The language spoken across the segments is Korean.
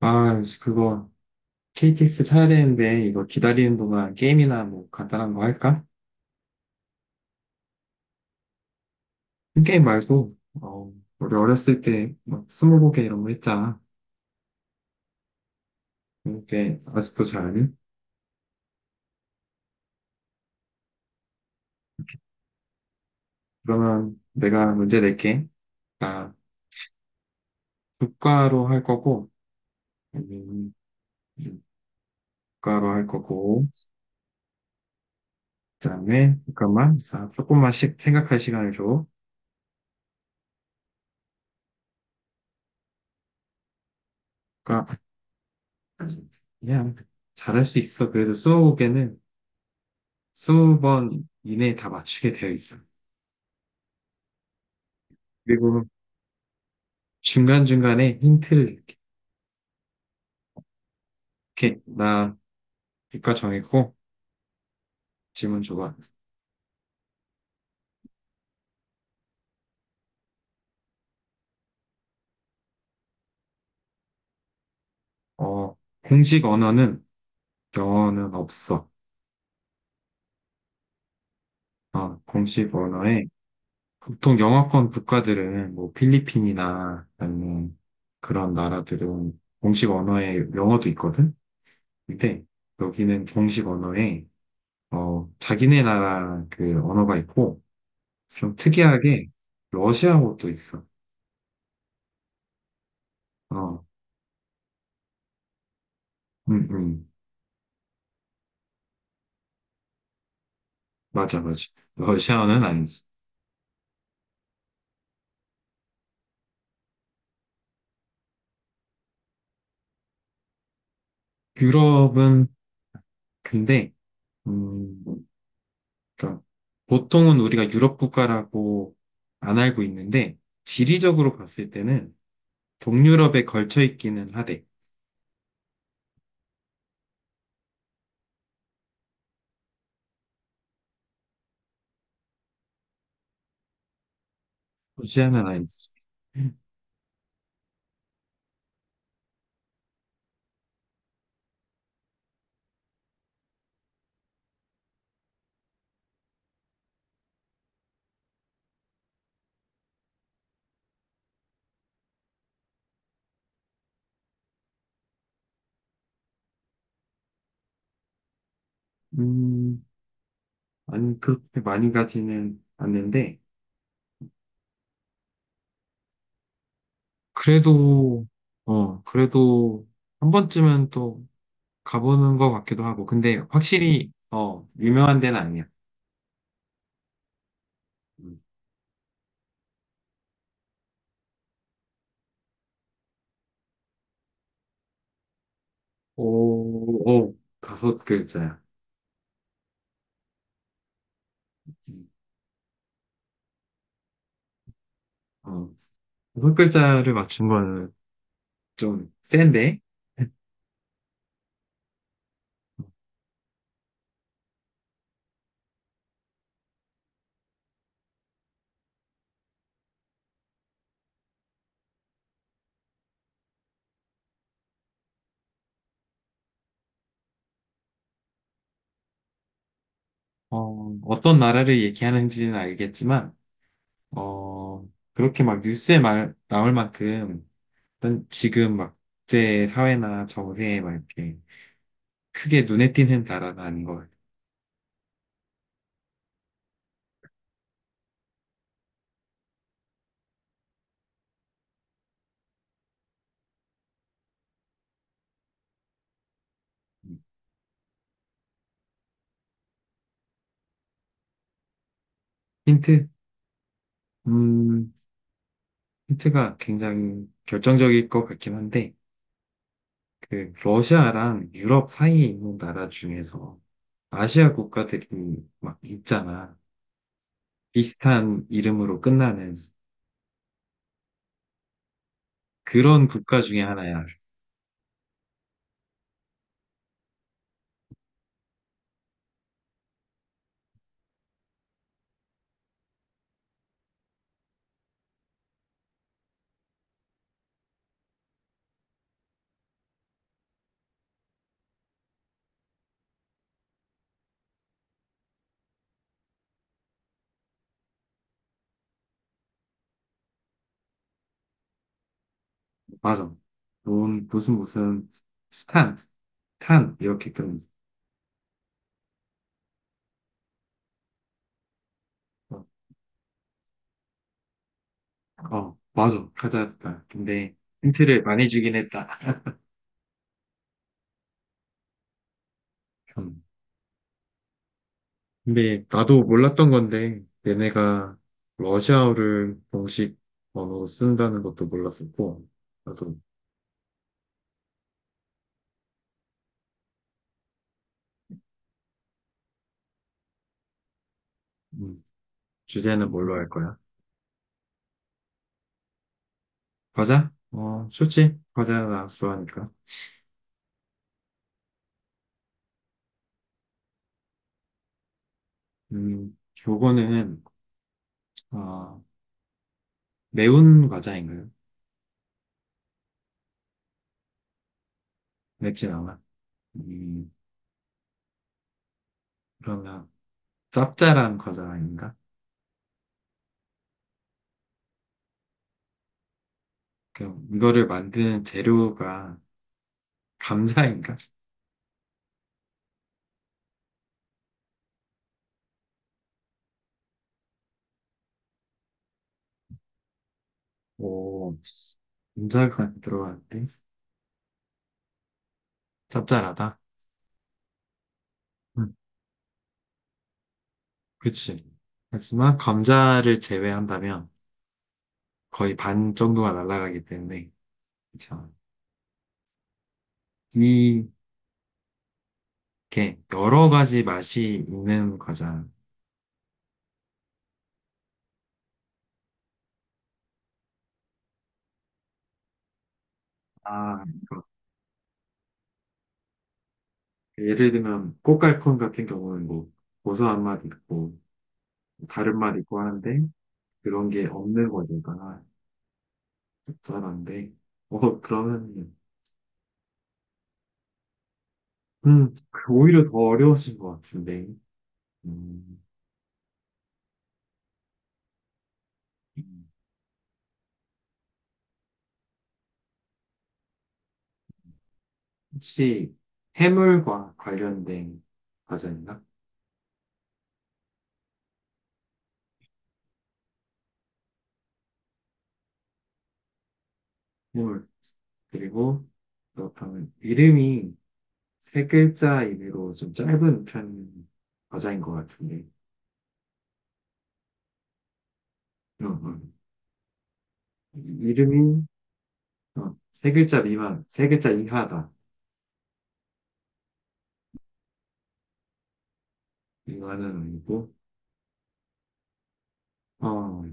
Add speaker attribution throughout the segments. Speaker 1: 아, 그거 KTX 타야 되는데 이거 기다리는 동안 게임이나 뭐 간단한 거 할까? 게임 말고 어, 우리 어렸을 때 막 스무고개 이런 거 했잖아. 이렇게 아직도 잘하니? 그러면 내가 문제 낼게. 아, 국가로 할 거고. 음, 국가로 할 거고 그다음에 잠깐만, 자, 조금만씩 생각할 시간을 줘. 국가 그냥 잘할 수 있어. 그래도 스무고개는 20번 이내에 다 맞추게 되어 있어. 그리고 중간중간에 힌트를 줄게. 나 국가 정했고 질문 줘봐. 어, 공식 언어는 영어는 없어. 어, 공식 언어에 보통 영어권 국가들은 뭐 필리핀이나 아니면 그런 나라들은 공식 언어에 영어도 있거든? 근데 여기는 공식 언어에 자기네 나라 그 언어가 있고 좀 특이하게 러시아어도 있어. 어, 음, 음. 맞아, 맞아. 러시아어는 아니지. 유럽은 근데 음, 그러니까 보통은 우리가 유럽 국가라고 안 알고 있는데 지리적으로 봤을 때는 동유럽에 걸쳐 있기는 하대. 러시아는 아니지. 음, 아니 그렇게 많이 가지는 않는데 그래도 어 그래도 한 번쯤은 또 가보는 것 같기도 하고, 근데 확실히 어 유명한 데는 아니야. 음. 오, 오, 다섯 글자야. 음, 어. 여섯 글자를 맞춘 거는 좀 센데, 어떤 나라를 얘기하는지는 알겠지만, 어, 그렇게 막 뉴스에 말, 나올 만큼, 일단 지금 막 국제 사회나 정세에 막 이렇게 크게 눈에 띄는 나라는 아닌 것 같아요. 힌트? 음, 힌트가 굉장히 결정적일 것 같긴 한데, 그, 러시아랑 유럽 사이에 있는 나라 중에서 아시아 국가들이 막 있잖아. 비슷한 이름으로 끝나는. 그런 국가 중에 하나야. 맞아. 돈, 무슨, 무슨, 스탄, 탄, 이렇게 끊는. 어, 어, 맞아. 찾아왔다. 근데 힌트를 많이 주긴 했다. 음. 근데 나도 몰랐던 건데, 얘네가 러시아어를 공식 언어로 쓴다는 것도 몰랐었고, 나도, 음, 주제는 뭘로 할 거야? 과자? 어, 좋지. 과자 나 좋아하니까. 음, 요거는, 어, 매운 과자인가요? 맵진 않아. 음, 그러면 짭짤한 과자인가? 그럼 이거를 만드는 재료가 감자인가? 오, 감자가 안 들어갔는데 짭짤하다. 응, 그치. 하지만 감자를 제외한다면 거의 반 정도가 날아가기 때문에 자, 이게 여러 가지 맛이 있는 과자. 아, 그러니까 예를 들면 꽃갈콘 같은 경우는 뭐 고소한 맛 있고 다른 맛 있고 하는데 그런 게 없는 과자다. 적절한데, 그러면, 음, 오히려 더 어려우신 것 같은데, 음, 혹시 해물과 관련된 과자인가? 해물. 그리고, 그렇다면 이름이 세 글자 이내로 좀 짧은 편 과자인 것 같은데, 어, 어. 이름이 어, 세 글자 미만, 세 글자 이하다. 이거는 아니고, 어,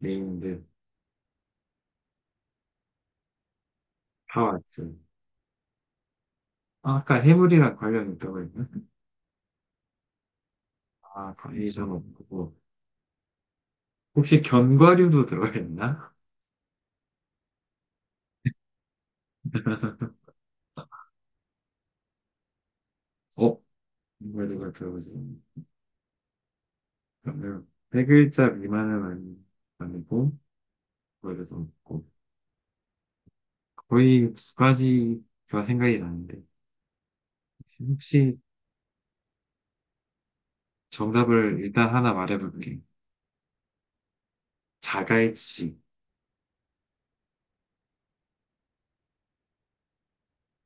Speaker 1: 네임드, 다 왔어. 아, 아까 해물이랑 관련 있다고 했나? 아, 바리에이 없고. 혹시 견과류도 들어있나? 가 어? 견과류가 들어가지 그러면 세 글자 미만은 아니- 아니고, 견과류도 없고. 거의 두 가지가 생각이 나는데. 혹시 정답을 일단 하나 말해볼게. 자갈치.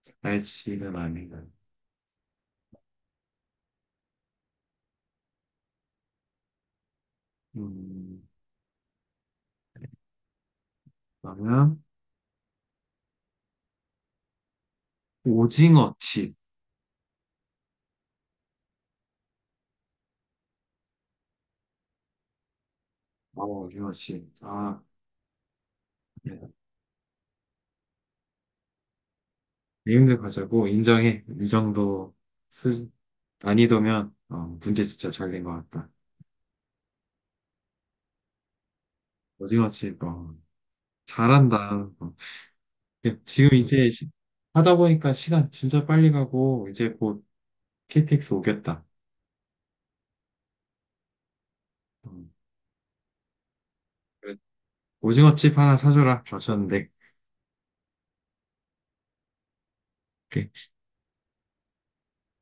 Speaker 1: 자갈치는 아니다. 음, 그러면 오징어칩. 어, 오징어칩. 아, 네. 내용들 가제고 인정해. 이 정도 수, 난이도면 어, 문제 진짜 잘 낸 것 같다. 오징어 칩, 어, 잘한다. 어. 예, 지금 이제 시- 하다 보니까 시간 진짜 빨리 가고 이제 곧 KTX 오겠다. 어, 오징어 칩 하나 사줘라. 그러셨는데